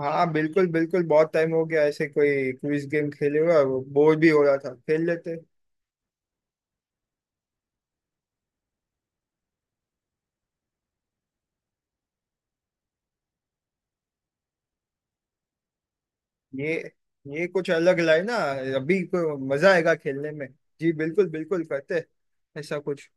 हाँ, बिल्कुल बिल्कुल। बहुत टाइम हो गया ऐसे कोई क्विज गेम खेले हुआ। बोर भी हो रहा था, खेल लेते। ये ये कुछ अलग लाए ना, अभी को मजा आएगा खेलने में। जी बिल्कुल बिल्कुल करते। ऐसा कुछ।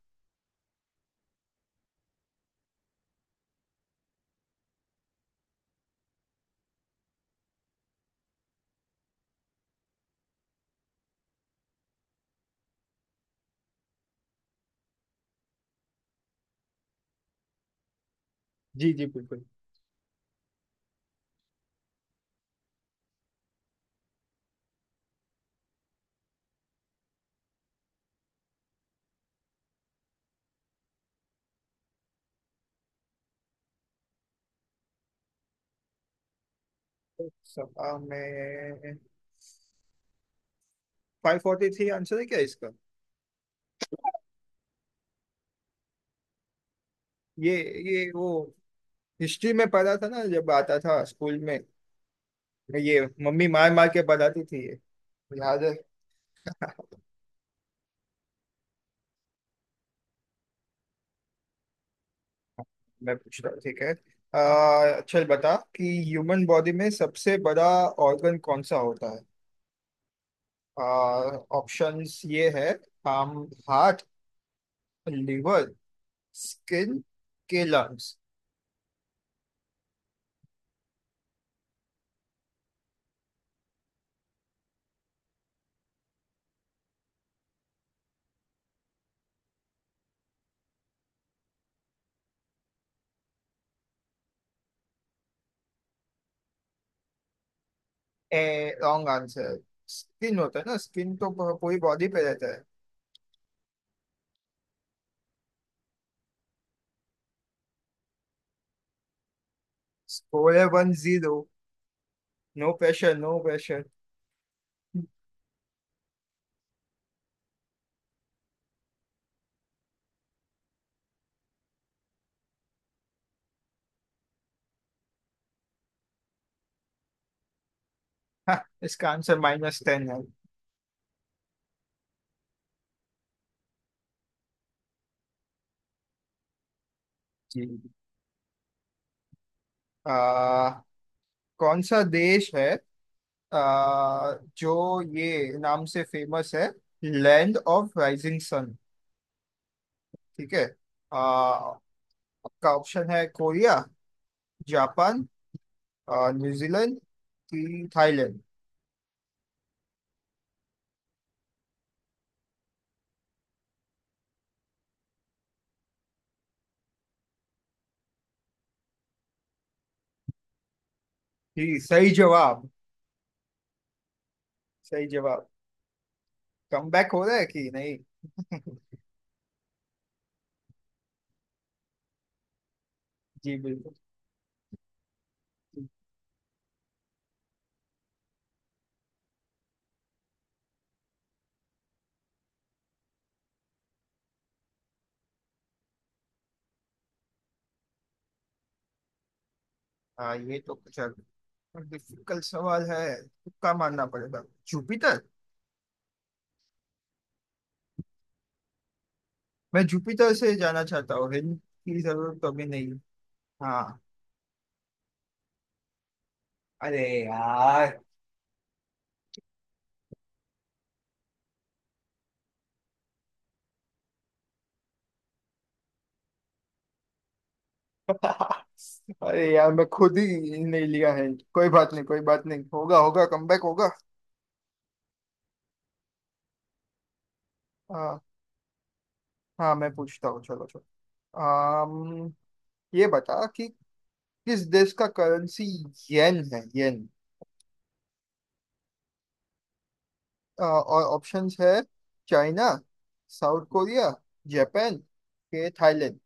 जी जी बिल्कुल। सपा में 543 आंसर है क्या इसका? ये ये वो हिस्ट्री में पढ़ा था ना, जब आता था स्कूल में। ये मम्मी मार मार के पढ़ाती थी, ये याद है। मैं पूछता हूँ, ठीक है। चल बता कि ह्यूमन बॉडी में सबसे बड़ा ऑर्गन कौन सा होता है? ऑप्शंस ये है। हम हार्ट, लिवर, स्किन के लंग्स। ए, रॉन्ग आंसर। स्किन होता है ना, स्किन तो पूरी बॉडी पे रहता है। स्कोर है 1-0। No pressure, no pressure. इसका आंसर -10 है। जी। अह, कौन सा देश है आ, जो ये नाम से फेमस है, लैंड ऑफ राइजिंग सन। ठीक है। आपका ऑप्शन है कोरिया, जापान, न्यूजीलैंड कि थाईलैंड। जी, सही जवाब। सही जवाब। कम बैक हो रहा है कि नहीं? जी बिल्कुल। हाँ, ये तो कुछ डिफिकल्ट सवाल है, तुक्का मारना पड़ेगा। जुपिटर। मैं जुपिटर से जाना चाहता हूँ, हिंट की जरूरत तो अभी नहीं। हाँ। अरे यार। अरे यार, मैं खुद ही नहीं लिया हिंट, कोई बात नहीं, कोई बात नहीं, होगा होगा कमबैक होगा। हाँ हाँ, मैं पूछता हूँ, चलो चलो। आम, ये बता कि किस देश का करेंसी येन है, येन। और ऑप्शंस है चाइना, साउथ कोरिया, जापान के थाईलैंड।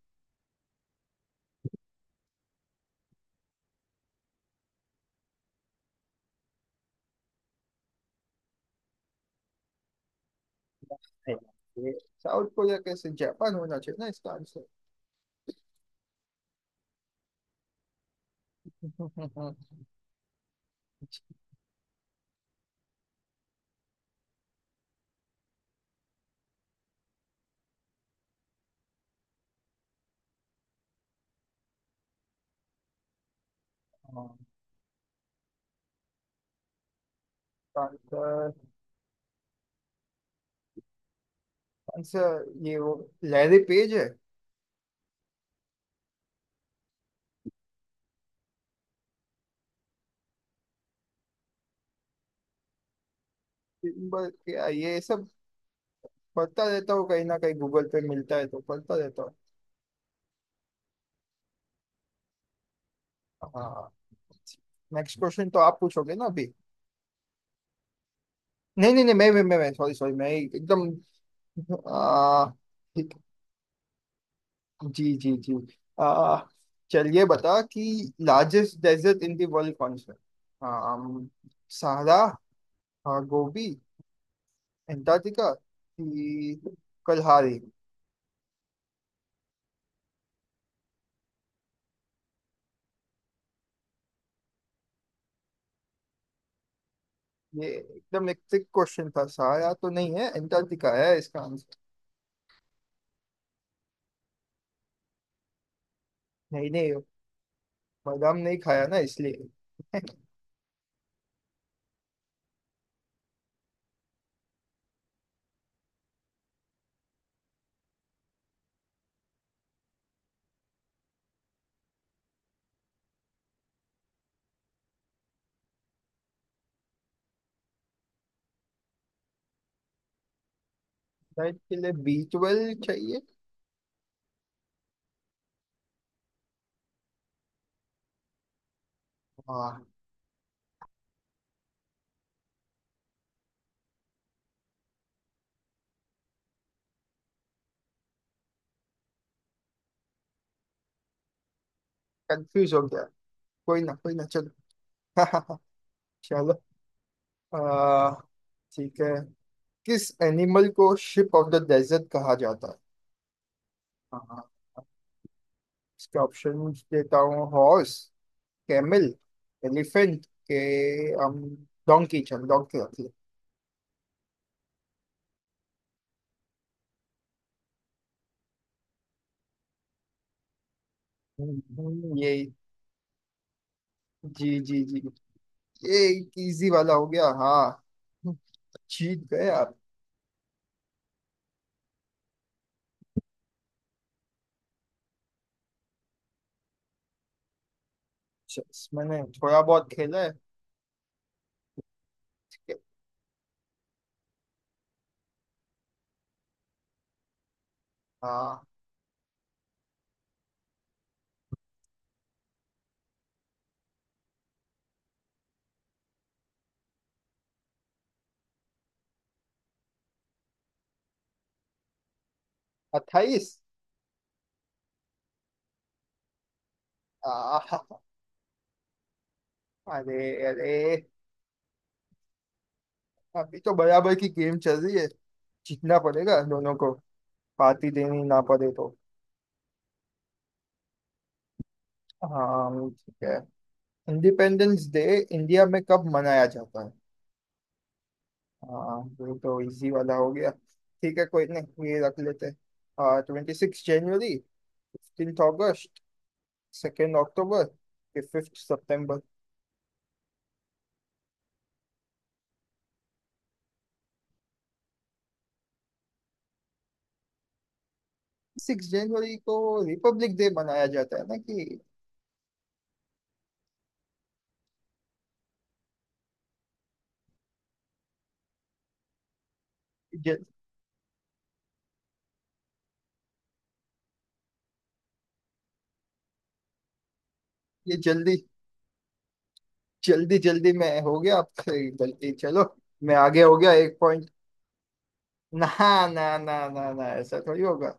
ये- साउथ कोरिया कैसे? जापान होना चाहिए ना इसका आंसर। आंसर ये वो लैरी पेज है। किम्बर क्या ये सब, पढ़ता रहता हूँ, कहीं ना कहीं गूगल पे मिलता है तो पढ़ता रहता हूँ। हाँ, नेक्स्ट क्वेश्चन तो आप पूछोगे ना अभी? नहीं नहीं नहीं, मैं सॉरी सॉरी, मैं sorry, sorry, मैं एकदम ठीक। जी जी जी। आ, चलिए बता कि largest desert in the world कौन सा है? आम, सहारा, गोबी, एंटार्क्टिका कि कलहारी। ये एकदम एक ट्रिक क्वेश्चन था, सहारा तो नहीं है, एंटार्क्टिका है इसका आंसर। नहीं नहीं, बादाम नहीं खाया ना इसलिए। नाइट के लिए बीटवेल चाहिए। हाँ, कंफ्यूज हो गया। कोई ना, कोई ना, चलो। चलो। आ, ठीक है, किस एनिमल को शिप ऑफ द डेजर्ट कहा जाता है? हाँ, इसके ऑप्शन देता हूँ। हॉर्स, कैमल, एलिफेंट के हम डोंकी। चल डोंकी रख ले। ये जी जी जी। ये इजी वाला हो गया हाँ। जीत गए आप। मैंने थोड़ा बहुत खेला है। ठीक है। हाँ, 28। अरे, अरे। अभी तो बराबर की गेम चल रही है, जीतना पड़ेगा दोनों को, पार्टी देनी ना पड़े तो। हाँ, ठीक है। इंडिपेंडेंस डे इंडिया में कब मनाया जाता है? हाँ, ये तो इजी वाला हो गया। ठीक है, कोई नहीं, ये रख लेते हैं। 26 जनवरी, 15 अगस्त, 2 अक्टूबर, 5 सितंबर। 6 जनवरी को रिपब्लिक डे मनाया जाता है ना कि। जल, ये जल्दी जल्दी जल्दी में हो गया आपसे गलती, चलो। मैं आगे हो गया एक पॉइंट, ना। ना ना ना ना, ऐसा थोड़ी होगा।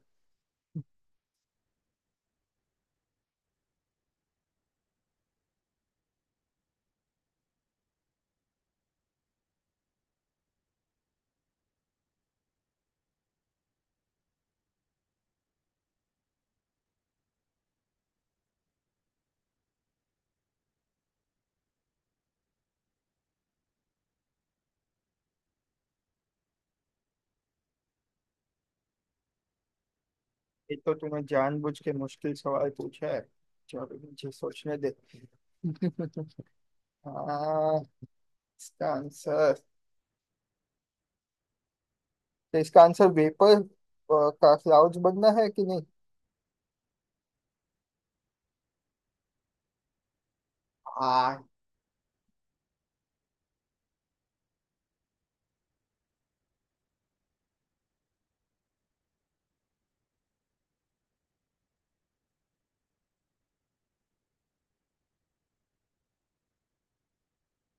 ये तो तूने जानबूझ के मुश्किल सवाल पूछा है। चलो मुझे सोचने दे। हाँ, इसका आंसर, तो इसका आंसर वेपर का क्लाउड बनना है कि नहीं? हाँ,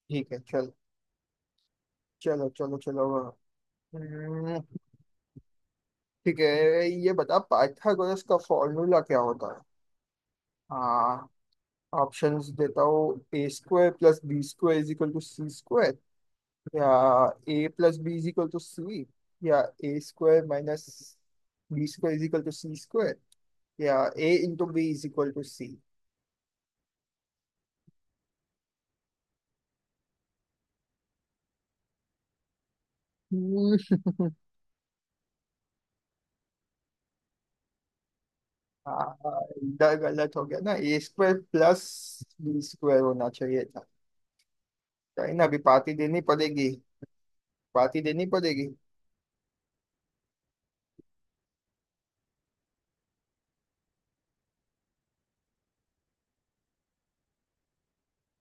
ठीक है, चलो चलो चलो चलो। हाँ। हम्म, ठीक है, ये बता पाइथागोरस का फॉर्मूला क्या होता है? हाँ। ऑप्शंस देता हूँ। A square plus B square is equal to C square, या A plus B is equal to C, या A square minus B square is equal to C square, या A into B is equal to सी। हाँ, इधर गलत हो गया ना, A square plus B square होना चाहिए था। कहीं ना अभी पार्टी देनी पड़ेगी, पार्टी देनी पड़ेगी।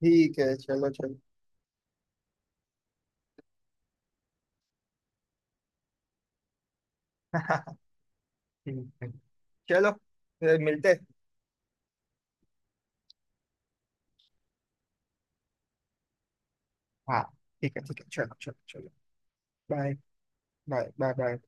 ठीक है, चलो चलो। ठीक है, चलो फिर मिलते हैं। हाँ, ठीक है ठीक है, चलो चलो चलो। Bye bye bye bye.